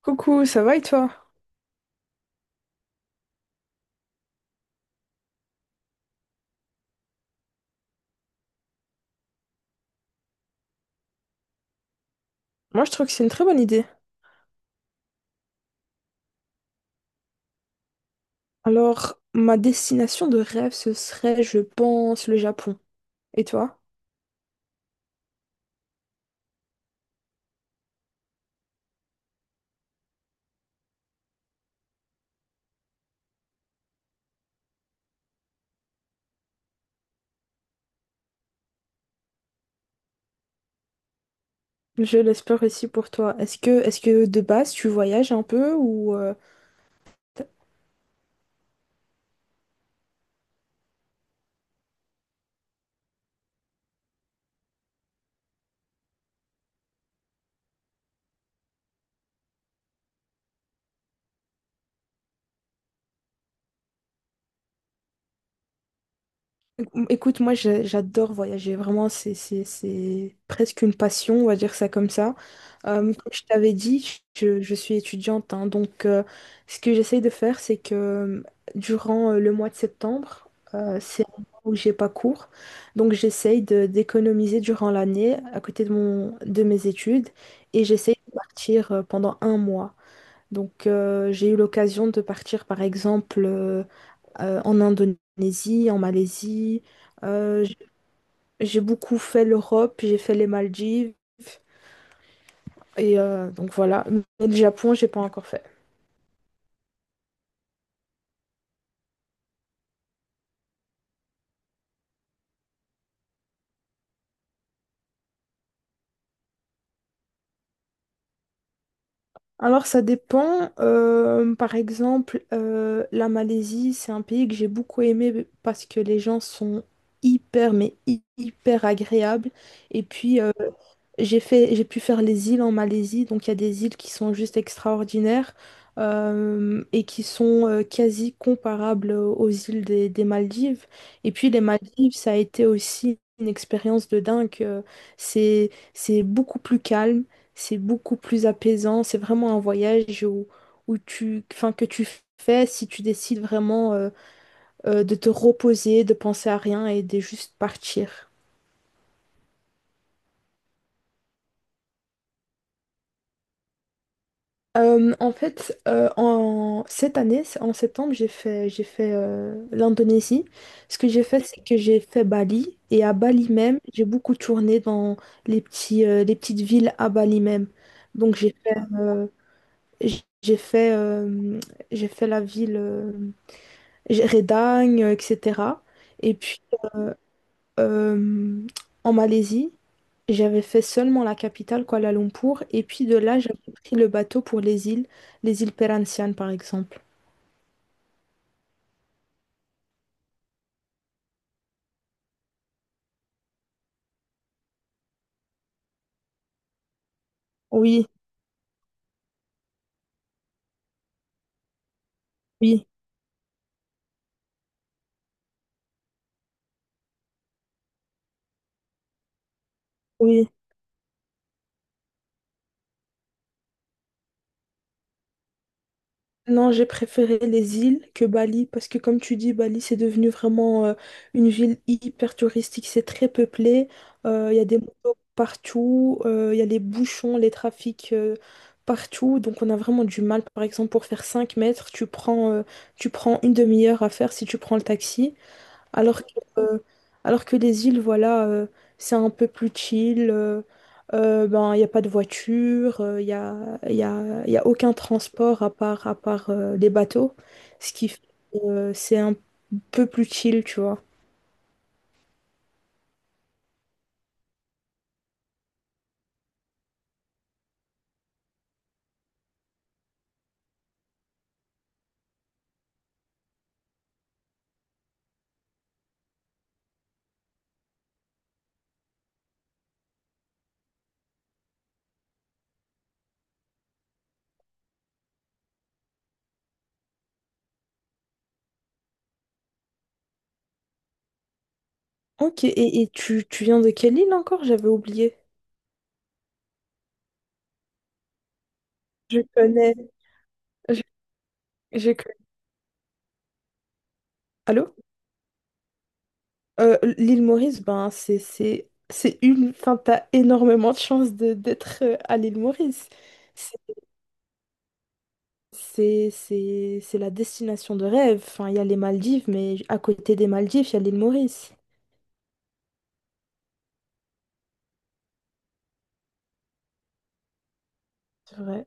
Coucou, ça va et toi? Moi, je trouve que c'est une très bonne idée. Alors, ma destination de rêve, ce serait, je pense, le Japon. Et toi? Je l'espère aussi pour toi. Est-ce que de base, tu voyages un peu ou... Écoute, moi j'adore voyager, vraiment c'est presque une passion, on va dire ça comme ça. Comme je t'avais dit, je suis étudiante, hein, donc ce que j'essaye de faire, c'est que durant le mois de septembre, c'est un mois où j'ai pas cours, donc d'économiser durant l'année à côté de, mon, de mes études et j'essaye de partir pendant un mois. Donc j'ai eu l'occasion de partir par exemple en Indonésie, en Malaisie. Euh, j- j'ai beaucoup fait l'Europe, j'ai fait les Maldives. Et donc voilà, mais le Japon, j'ai pas encore fait. Alors ça dépend. Par exemple, la Malaisie, c'est un pays que j'ai beaucoup aimé parce que les gens sont hyper, mais hyper agréables. Et puis j'ai pu faire les îles en Malaisie, donc il y a des îles qui sont juste extraordinaires et qui sont quasi comparables aux îles des Maldives. Et puis les Maldives, ça a été aussi une expérience de dingue. C'est beaucoup plus calme, c'est beaucoup plus apaisant. C'est vraiment un voyage où tu, enfin, que tu fais si tu décides vraiment de te reposer, de penser à rien et de juste partir. En fait, en cette année, c'est- en septembre, j'ai fait l'Indonésie. Ce que j'ai fait, c'est que j'ai fait Bali. Et à Bali même, j'ai beaucoup tourné dans les petites villes à Bali même. Donc j- j'ai fait, euh, j'ai fait la ville Redang, etc. Et puis euh, en Malaisie. J'avais fait seulement la capitale, Kuala Lumpur, et puis de là, j'avais pris le bateau pour les îles Perhentian, par exemple. Oui, oui, oui. Non, j'ai préféré les îles que Bali parce que comme tu dis, Bali c'est devenu vraiment une ville hyper touristique, c'est très peuplé, il y a des motos partout, il y a les bouchons, les trafics partout, donc on a vraiment du mal. Par exemple, pour faire 5 mètres, tu prends une demi-heure à faire si tu prends le taxi. Alors que, euh, alors que les îles, voilà, c'est un peu plus chill. Ben, il n'y a pas de voiture, il n'y a, y a, y a aucun transport à part les bateaux. Ce qui fait que c'est un peu plus chill, tu vois. Ok, et tu viens de quelle île encore? J'avais oublié. Je connais. Je, je connais. Allô? L'île Maurice, ben, c'est une. Enfin, t'as énormément de chance d'être à l'île Maurice. C'est la destination de rêve. Enfin, il y a les Maldives, mais à côté des Maldives, il y a l'île Maurice. C'est vrai.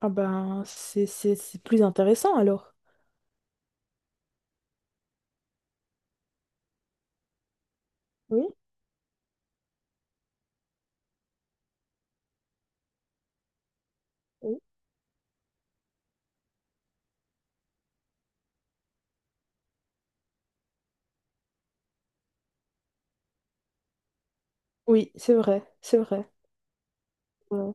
Ah ben, c'est plus intéressant alors. Oui, oui. Oui, c'est vrai, c'est vrai. Ouais.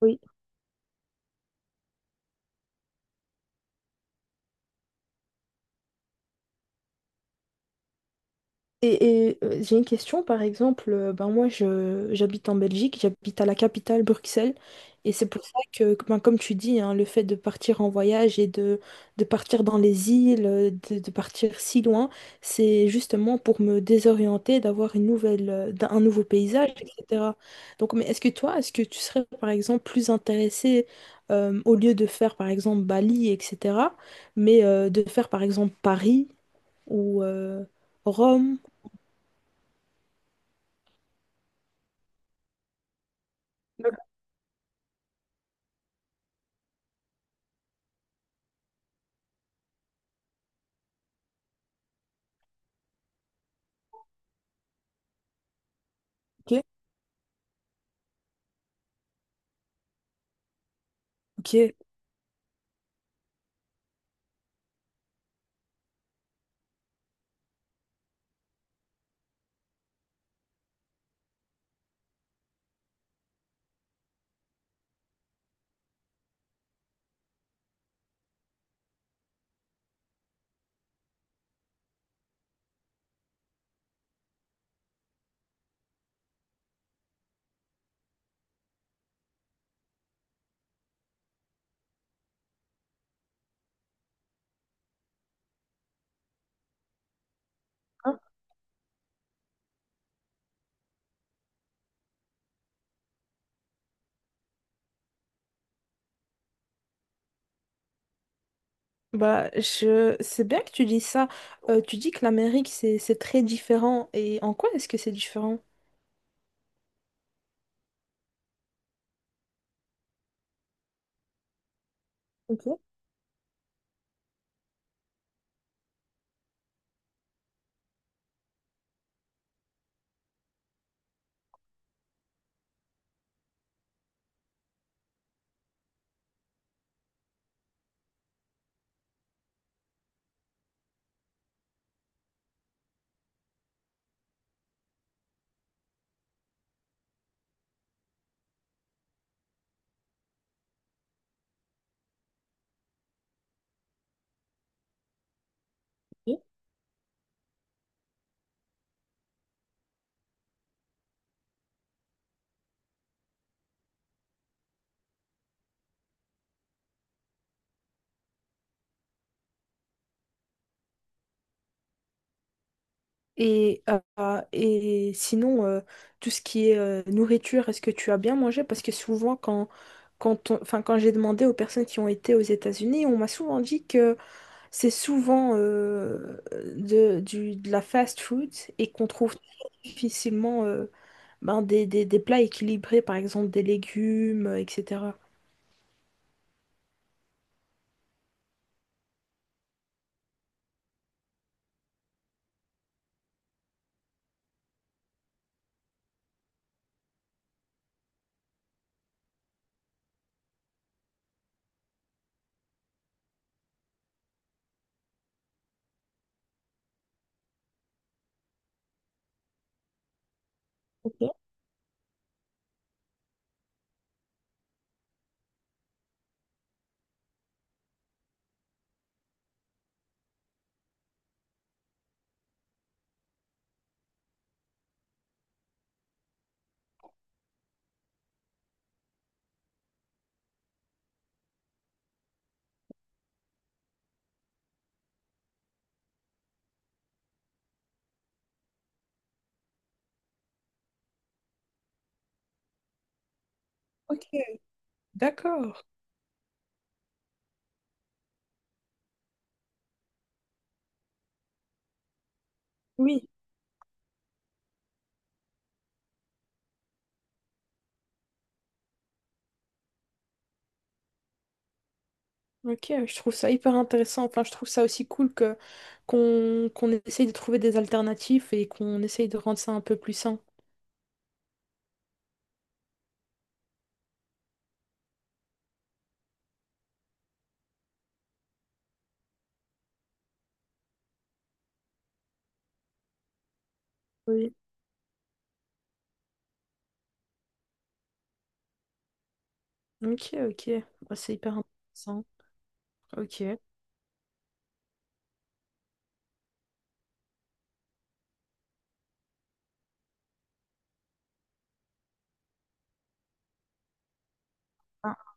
Oui. J'ai une question, par exemple, ben moi j'habite en Belgique, j'habite à la capitale Bruxelles, et c'est pour ça que, ben, comme tu dis, hein, le fait de partir en voyage de partir dans les îles, de partir si loin, c'est justement pour me désorienter, d'avoir une nouvelle, un nouveau paysage, etc. Donc, mais est-ce que toi, est-ce que tu serais, par exemple, plus intéressé, au lieu de faire, par exemple, Bali, etc., mais de faire, par exemple, Paris ou Rome? Ok? Ok. Hein. Bah, je... C'est bien que tu dis ça. Tu dis que l'Amérique, c'est très différent. Et en quoi est-ce que c'est différent? Ok. Et, et sinon, tout ce qui est nourriture, est-ce que tu as bien mangé? Parce que souvent, enfin, quand j'ai demandé aux personnes qui ont été aux États-Unis, on m'a souvent dit que c'est souvent de la fast food et qu'on trouve difficilement ben, des plats équilibrés, par exemple des légumes, etc. Ok, d'accord. Oui, ok, je trouve ça hyper intéressant. Enfin, je trouve ça aussi cool que qu'on essaye de trouver des alternatives et qu'on essaye de rendre ça un peu plus sain. Oui. Ok, ok. Bah, c'est hyper intéressant. Ok. Ah,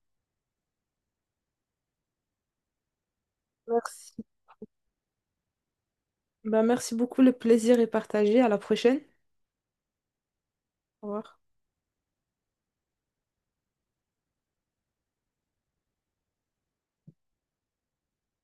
merci. Bah, merci beaucoup, le plaisir est partagé. À la prochaine. Au revoir.